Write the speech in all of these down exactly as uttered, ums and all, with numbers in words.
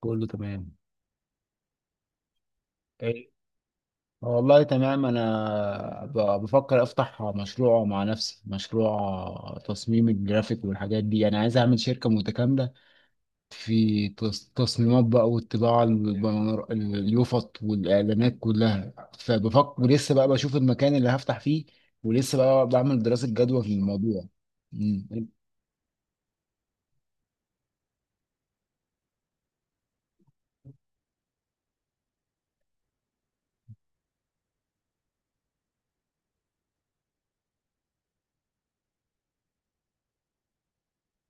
كله تمام. ايه. والله تمام. انا ب- بفكر افتح مشروع مع نفسي، مشروع تصميم الجرافيك والحاجات دي. انا عايز اعمل شركة متكاملة في تص- تصميمات بقى، والطباعة، البنر- اليوفط والاعلانات كلها. فبفكر لسه بقى بشوف المكان اللي هفتح فيه، ولسه بقى بعمل دراسة جدوى في الموضوع. مم.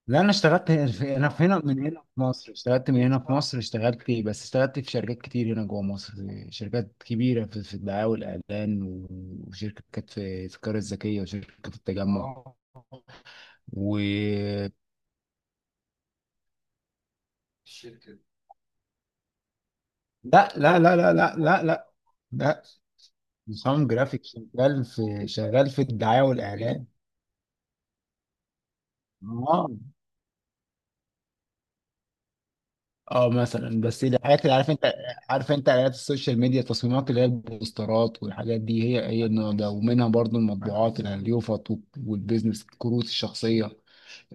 لا، انا اشتغلت هنا في انا في هنا من هنا في مصر اشتغلت من هنا في مصر اشتغلت بس اشتغلت في شركات كتير هنا جوه مصر. شركات كبيره في, في الدعايه والاعلان، و- وشركات في في القريه الذكيه، وشركه في التجمع. اه و لا، لا، لا، لا، لا، لا، لا، لا. مصمم جرافيك شغال في شغال في الدعايه والاعلان. اه، اه، مثلا بس الحاجات اللي عارف انت عارف انت اعلانات السوشيال ميديا، التصميمات اللي هي البوسترات والحاجات دي. هي هي النوع ده، ومنها برضو المطبوعات اليوفط، والبيزنس الكروت الشخصيه.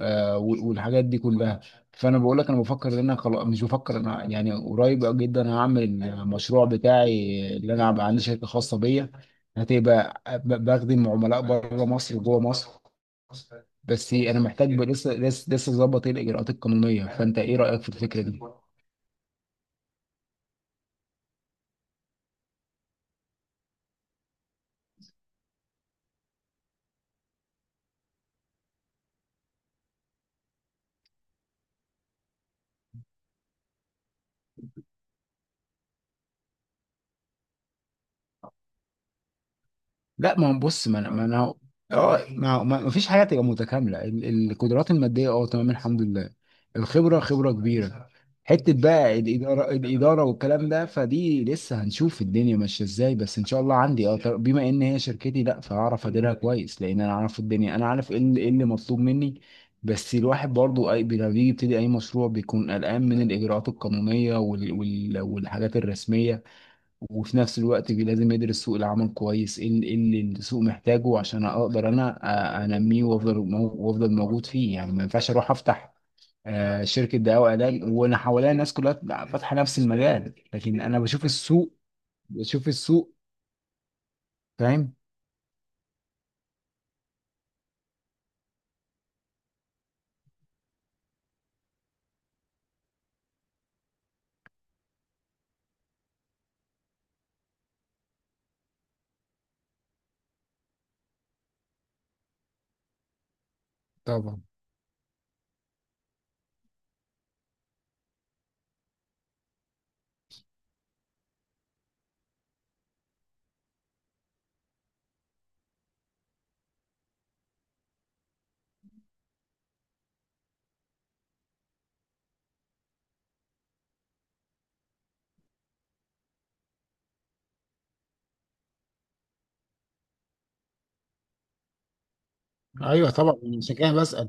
آه وال- والحاجات دي كلها. فانا بقول لك انا بفكر ان انا خلاص، مش بفكر انا يعني، قريب جدا هعمل المشروع بتاعي، اللي انا هبقى عندي شركه خاصه بيا، هتبقى ب- بخدم عملاء بره مصر وجوه مصر. بس انا محتاج ب- لسه لسه لسه ظبط الاجراءات القانونيه. فانت ايه رايك في الفكره دي؟ لا، ما هو بص، ما انا ما آه. انا اه ما هو- ما ما فيش حاجه تبقى متكامله. ال- القدرات الماديه، اه تمام الحمد لله. الخبره خبره كبيره. حته بقى الاداره، الاداره والكلام ده، فدي لسه هنشوف الدنيا ماشيه ازاي. بس ان شاء الله عندي اه طر- بما ان هي شركتي، لا، فهعرف اديرها كويس، لان انا عارف الدنيا، انا عارف ايه اللي إيه اللي مطلوب مني. بس الواحد برضو اي لما بيجي يبتدي اي مشروع بيكون قلقان من الاجراءات القانونيه وال... وال... والحاجات الرسميه، وفي نفس الوقت بي- لازم يدرس سوق العمل كويس، ايه ال- إيه اللي السوق محتاجه عشان اقدر انا أ- انميه وافضل مو- وافضل موجود فيه. يعني ما ينفعش اروح افتح آه، شركة دواء وعلاج وانا حواليا الناس كلها فاتحة نفس المجال، لكن انا بشوف السوق. بشوف السوق. فاهم. طبعا. ايوه طبعا، عشان كده بسأل.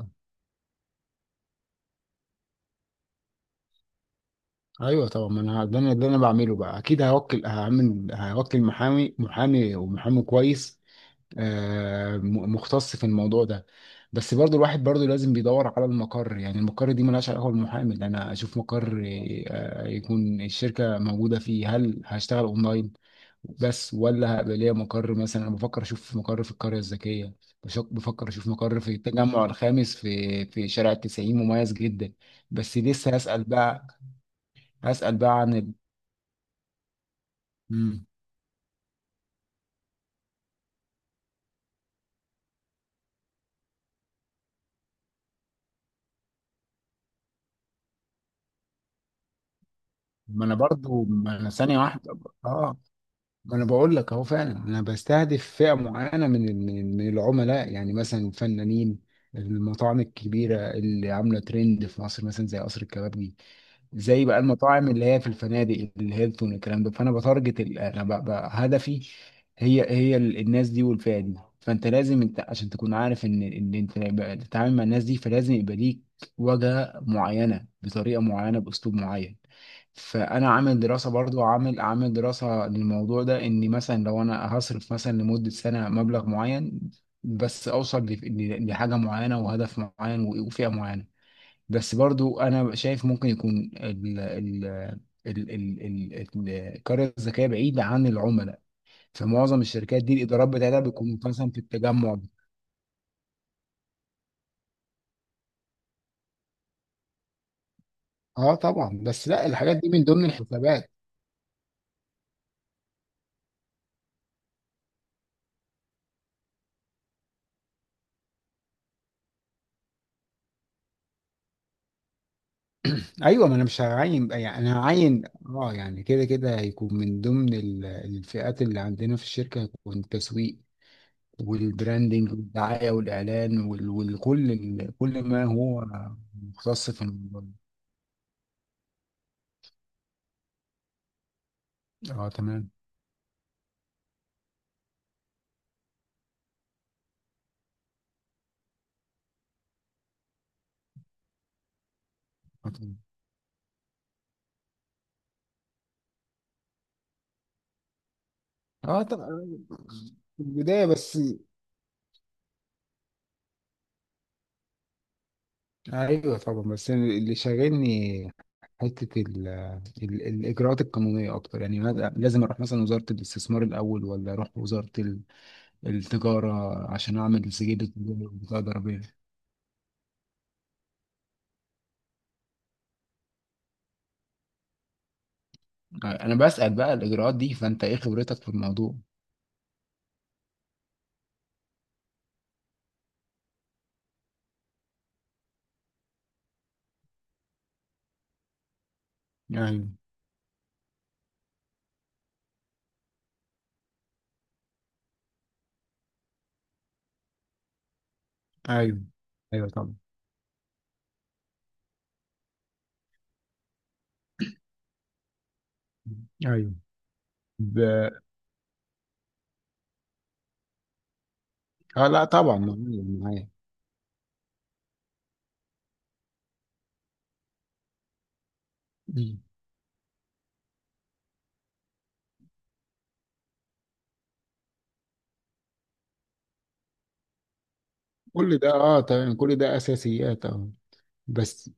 ايوه طبعا، ما انا ده انا ده انا بعمله بقى، اكيد هوكل هعمل هوكل محامي، محامي ومحامي كويس آه، م- مختص في الموضوع ده. بس برضو الواحد برضو لازم بيدور على المقر. يعني المقر دي ملهاش علاقة بالمحامي، لأن أنا أشوف مقر آه، يكون الشركة موجودة فيه. هل هشتغل أونلاين بس، ولا هيبقى ليا مقر؟ مثلا أنا بفكر أشوف مقر في القرية الذكية. بشك- بفكر أشوف مقر في التجمع الخامس، في في شارع التسعين، مميز جدا. بس لسه هسأل بقى. هسأل بقى عن ال... مم. ما أنا برضو، ما أنا ثانية واحدة. آه ما انا بقول لك اهو، فعلا انا بستهدف فئه معينه من ال- من ال- من العملاء. يعني مثلا الفنانين، المطاعم الكبيره اللي عامله ترند في مصر، مثلا زي قصر الكبابجي، زي بقى المطاعم اللي هي في الفنادق الهيلتون والكلام ده. فانا بتارجت ال- انا ب- ب- هدفي، هي هي ال- الناس دي والفئه دي. فانت لازم انت، عشان تكون عارف ان ان انت بقى تتعامل مع الناس دي، فلازم يبقى ليك واجهه معينه، بطريقه معينه، باسلوب معين. فانا عامل دراسه، برضو عامل عامل دراسه للموضوع ده، اني مثلا لو انا هصرف مثلا لمده سنه مبلغ معين، بس اوصل ل- ل- لحاجه معينه، وهدف معين، وفئه معينه. بس برضو انا شايف ممكن يكون ال ال ال ال ال القرية الذكية بعيدة عن العملاء. فمعظم الشركات دي الإدارات بتاعتها بتكون مثلا في التجمع. اه طبعا، بس لا، الحاجات دي من ضمن الحسابات. ايوه، ما انا مش هعين، يعني انا هعين، اه يعني كده كده هيكون من ضمن ال- الفئات اللي عندنا في الشركه، هيكون التسويق والبراندنج والدعايه والاعلان، وال- وكل ال- كل ما هو مختص في الموضوع. اه تمام. اه طبعا. في البداية بس. ايوه طبعا، بس اللي شاغلني حتة ال... ال... الإجراءات القانونية أكتر. يعني ماذا- لازم أروح مثلا وزارة الاستثمار الأول، ولا أروح وزارة ال- التجارة، عشان أعمل سجل التجارة، بطاقة ضريبية. أنا بسأل بقى الإجراءات دي. فأنت إيه خبرتك في الموضوع؟ أيوه. أيوه. أيوه طبعا. أيوه ب... آه لا، طبعا، معايا معايا. مم. كل ده أه تمام، كل ده أساسيات أه بس،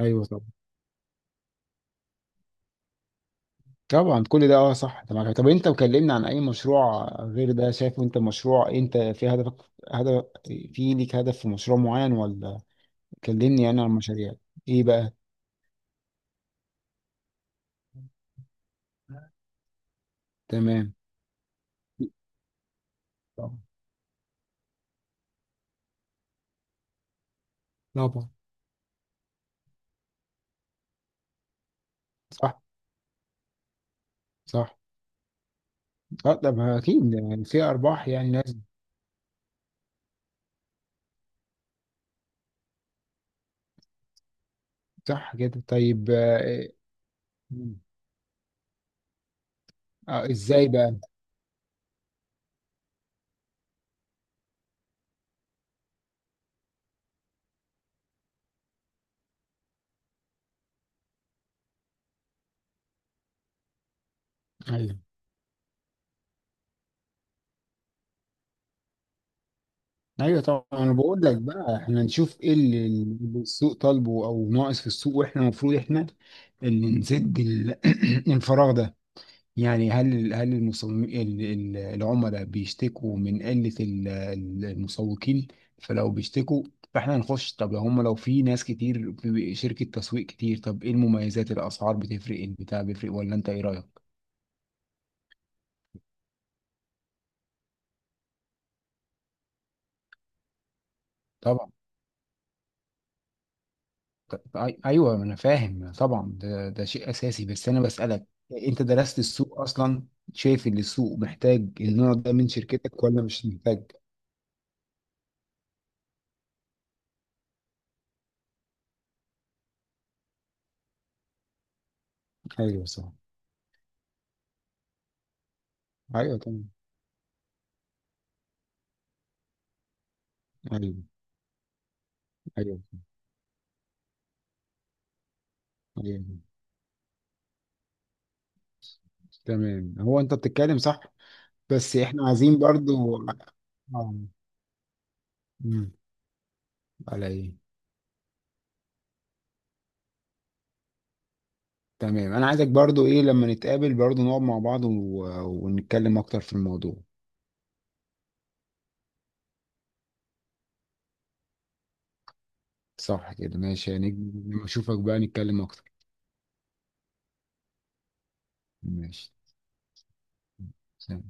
أيوه، طبعا. طبعا، كل ده اه صح. انت معاك؟ طب انت مكلمنا عن اي مشروع غير ده؟ شايفه انت مشروع؟ انت في هدفك هدف، في ليك هدف في مشروع معين؟ ولا كلمني انا عن المشاريع. ايه بقى؟ تمام. طبعا. طبعا. صح. صح. اه طب اكيد يعني في ارباح، يعني لازم. صح كده، طيب. آه، آه، آه، ازاي بقى؟ ايوه. ايوه طبعا، انا بقول لك بقى، احنا نشوف ايه اللي اللي السوق طالبه، او ناقص في السوق، واحنا المفروض احنا اللي نسد ال- الفراغ ده. يعني هل هل المصمم، ال- ال- العملاء بيشتكوا من قلة ال- ال- المسوقين؟ فلو بيشتكوا، فاحنا هنخش. طب لو هم لو في ناس كتير، في شركة تسويق كتير، طب ايه المميزات؟ الاسعار بتفرق؟ البتاع بيفرق؟ ولا انت ايه رأيك؟ طبعا. ط- أي- ايوه انا فاهم طبعا، ده ده شيء اساسي. بس انا بسألك، انت درست السوق اصلا؟ شايف ان السوق محتاج النوع ده من شركتك، ولا مش محتاج؟ ايوه صح. ايوه تمام. ايوه. ايوه. ايوه. تمام، هو انت بتتكلم صح. بس احنا عايزين برضو. اه. امم على ايه. تمام، انا عايزك برضو ايه، لما نتقابل برضو نقعد مع بعض و... ونتكلم اكتر في الموضوع. صح كده، ماشي يعني. لما اشوفك بقى نتكلم اكتر. ماشي. سلام.